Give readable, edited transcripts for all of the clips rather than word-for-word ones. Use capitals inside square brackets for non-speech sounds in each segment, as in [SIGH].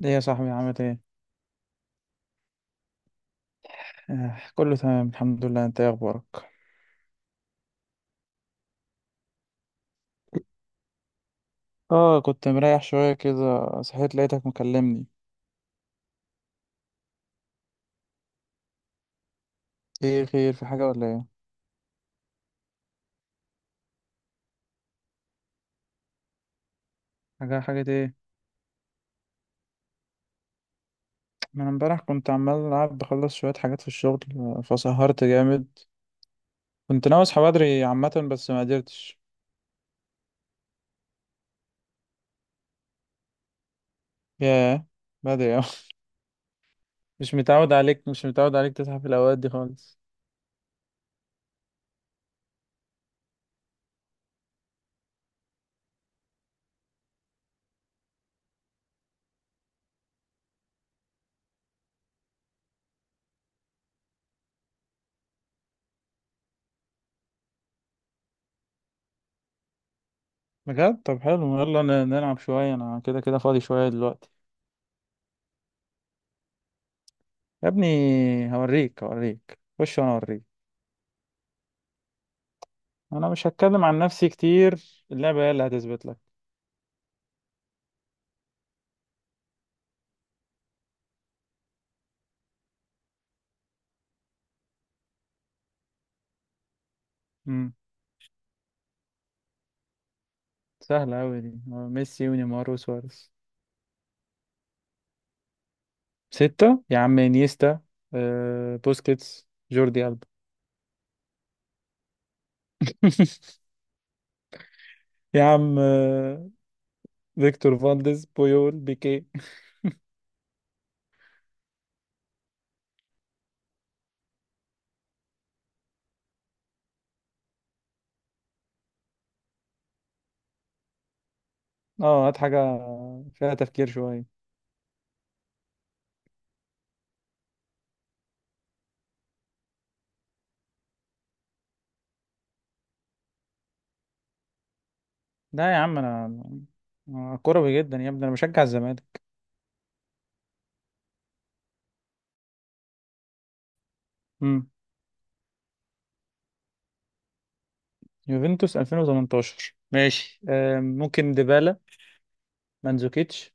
ليه يا صاحبي عملت ايه؟ آه، كله تمام، الحمد لله. انت ايه اخبارك؟ اه كنت مريح شوية كده. صحيت لقيتك مكلمني. ايه خير، في حاجة ولا ايه؟ حاجة، حاجة ايه؟ ما انا امبارح كنت عمال العب بخلص شوية حاجات في الشغل آه، فسهرت جامد. كنت ناوي اصحى بدري عامة بس ما قدرتش. ياه، بدري اوي. [LAUGHS] مش متعود عليك، مش متعود عليك تصحى في الاوقات دي خالص. بجد؟ طب حلو، يلا نلعب شوية، انا كده كده فاضي شوية دلوقتي. يا ابني، هوريك هوريك، خش وانا اوريك. انا مش هتكلم عن نفسي كتير، اللعبة هي اللي هتثبت لك. امم سهلة أوي دي. آه، ميسي ونيمار وسواريز. ستة يا عم، انيستا، آه، بوسكيتس، جوردي ألبا. [LAUGHS] يا عم، آه، فيكتور فالديز، بويول، بيكي. اه هات حاجة فيها تفكير شوية. لا يا عم انا، أنا كروي جدا يا ابني، انا بشجع الزمالك. امم يوفنتوس 2018 ماشي، آه، ممكن ديبالا، مانزوكيتش،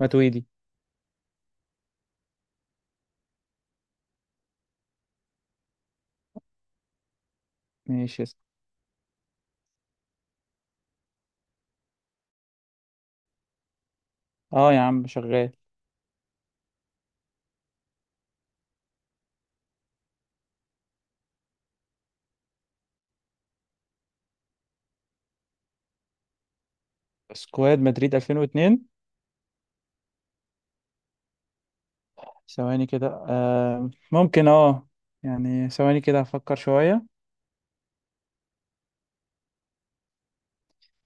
ماتويدي. ماشي، اه يا عم شغال. سكواد مدريد 2002، ثواني كده آه ممكن، اه يعني ثواني كده هفكر شوية.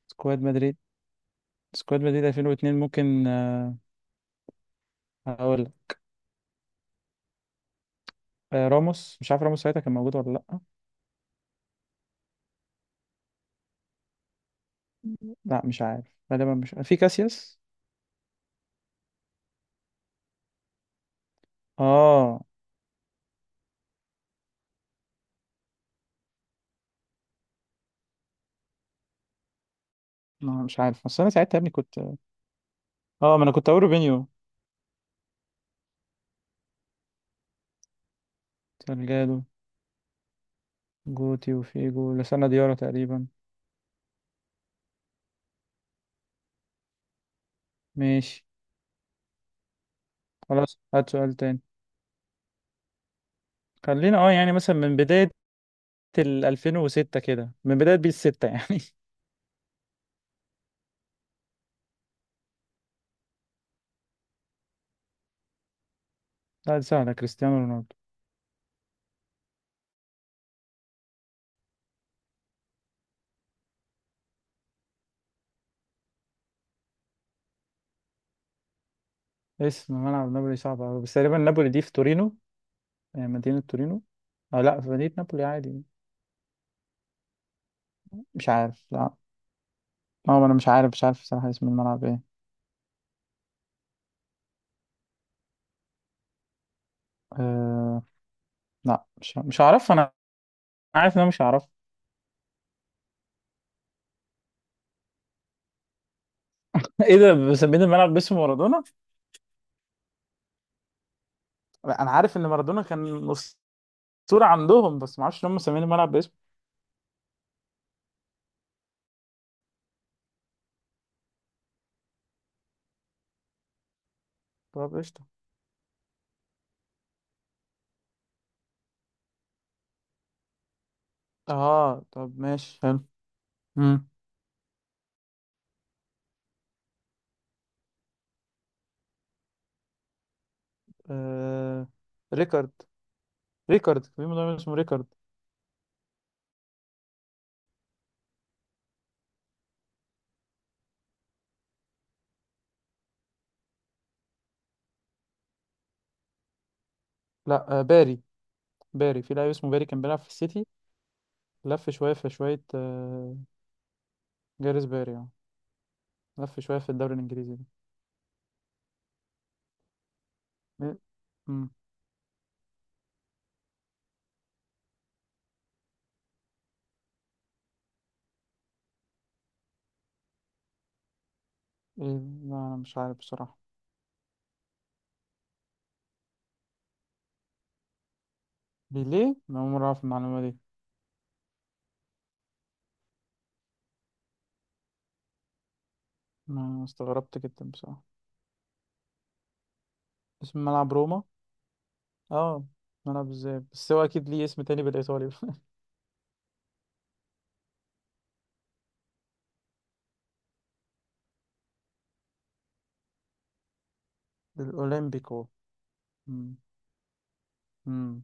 سكواد مدريد، سكواد مدريد 2002 ممكن، آه هقول، آه راموس، مش عارف راموس ساعتها كان موجود ولا لأ. لا مش عارف، غالبا مش في كاسياس. اه ما مش عارف بس انا ساعتها يا ابني كنت، اه ما انا كنت اقول روبينيو. سالجادو، جوتي وفيجو لسنا ديارة تقريبا. ماشي، خلاص هات سؤال تاني. خلينا اه يعني مثلا من بداية ال 2006 كده، من بداية بيس 6 يعني. لا دي سهلة، كريستيانو رونالدو. اسم ملعب نابولي صعب أوي، بس تقريبا نابولي دي في تورينو، يعني مدينة تورينو، أو لا في مدينة نابولي عادي. مش عارف، لا. أنا مش عارف، مش عارف صراحة اسم الملعب إيه. أه... لا مش هعرف. أنا عارف إن أنا مش هعرف. [LAUGHS] إيه ده، مسمين الملعب باسم مارادونا؟ لا، أنا عارف إن مارادونا كان أسطورة عندهم، بس ما أعرفش إن هم مسمين الملعب باسمه. طب قشطة. أه طب ماشي حلو. مم. أه... ريكارد. ريكارد، في مدرب اسمه ريكارد. لا آه باري. باري، في لاعب اسمه باري كان بيلعب في السيتي. لف شوية في شوية، آه، جاريث باري يعني. لف شوية في الدوري الإنجليزي ده. إيه؟ مم. إيه؟ لا أنا مش عارف بصراحة. ليه؟ أنا أول مرة أعرف المعلومة دي. أنا استغربت جدا بصراحة. اسم ملعب روما، اه ملعب ازاي بس هو أكيد ليه اسم تاني بالإيطالي. [LAUGHS] الأولمبيكو. مم. مم.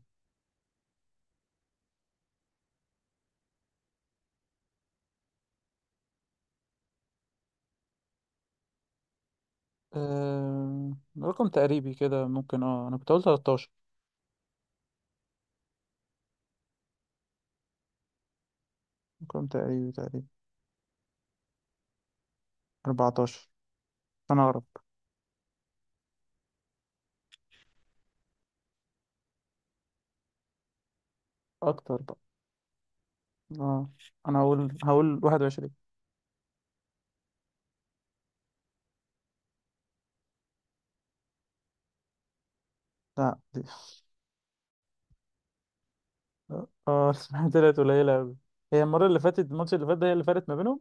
آه... رقم تقريبي كده ممكن، اه أنا كنت أقول 13. رقم تقريبي تقريبي. 14، أنا أقرب. أكتر بقى. اه انا هقول 21. لا دي، اه. [LAUGHS] اسمها طلعت قليلة أوي. هي المرة اللي فاتت، الماتش اللي فات ده هي اللي فرقت ما بينهم.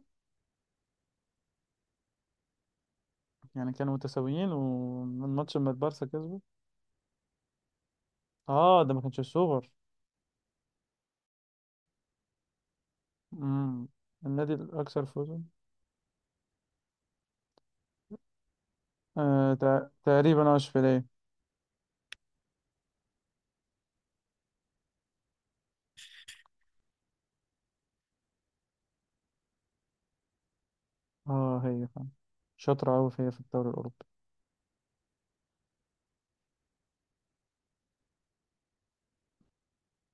يعني كانوا متساويين والماتش لما البارسا كسبه. اه ده ما كانش الصغر. امم النادي الأكثر فوزا، آه تقريبا اشبيلية. اه هي فعلا شاطرة أوي في هي في الدوري الأوروبي.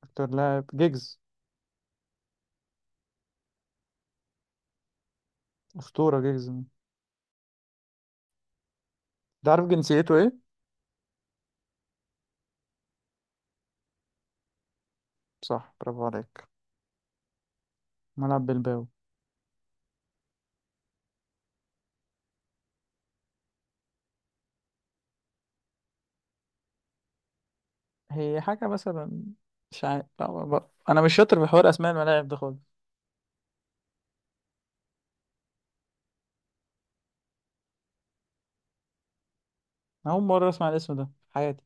أكتر لاعب جيجز، أسطورة جيجز ده. عارف جنسيته إيه؟ صح، برافو عليك. ملعب بلباو، هي حاجة مثلا. مش عارف، لا، أنا مش شاطر في حوار أسماء الملاعب ده خالص. أنا أول مرة أسمع الاسم ده في حياتي.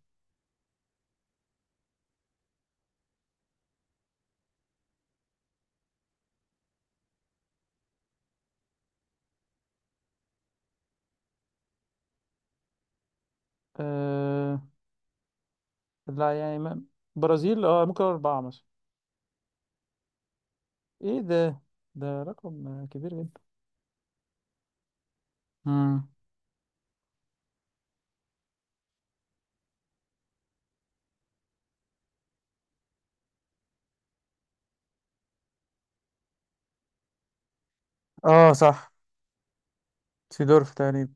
أه... لا يعني ما... برازيل، أه ممكن أربعة مثلا. إيه ده، ده رقم كبير جدا. مم. اه صح. سيدورف تقريبا.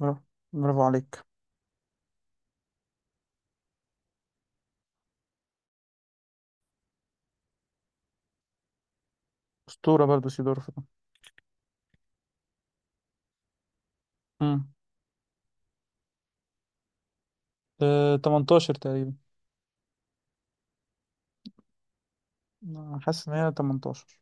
برافو، برافو عليك. أسطورة برضو سيدورف ده. مم. 18 تقريبا. أنا حاسس إن هي 18.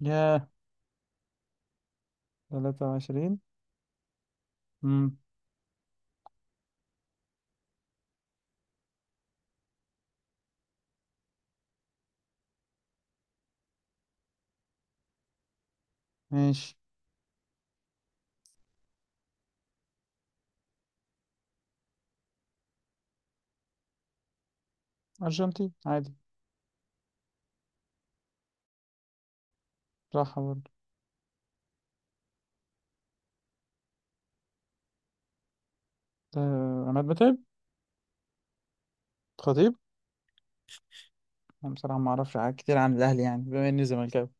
ياه، 23. مم. ماشي. أرجنتين عادي. راحة برضو. ده عماد متعب. خطيب. انا بصراحه ما اعرفش حاجات كتير عن الاهلي، يعني بما اني زملكاوي.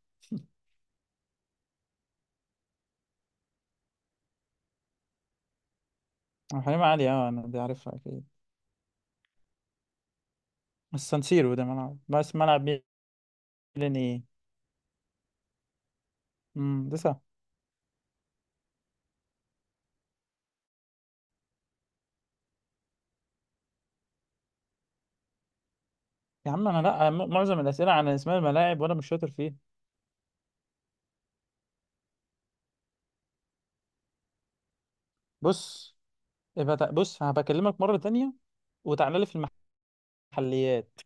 أو حليم علي اه، انا دي عارفها اكيد. السان سيرو ده ملعب، بس ملعب. ميلان ايه. لسه. يا عم انا لا، معظم الاسئله عن اسماء الملاعب وانا مش شاطر فيها. بص، يبقى بص هبكلمك مره تانية وتعالى لي في المحليات.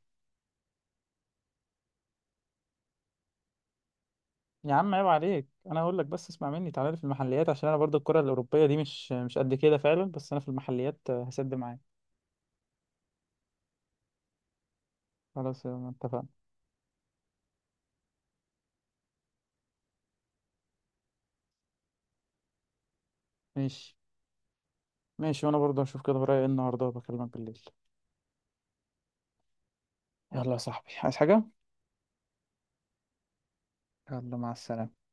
يا عم عيب عليك، انا هقول لك بس اسمع مني، تعالى لي في المحليات عشان انا برضه الكره الاوروبيه دي مش قد كده فعلا، بس انا في المحليات، آه، هسد معاك. خلاص يلا اتفقنا. ماشي، ماشي وانا برضه هشوف كده ورايا ايه النهارده وبكلمك بالليل. يلا يا صاحبي، عايز حاجة؟ يلا مع السلامة.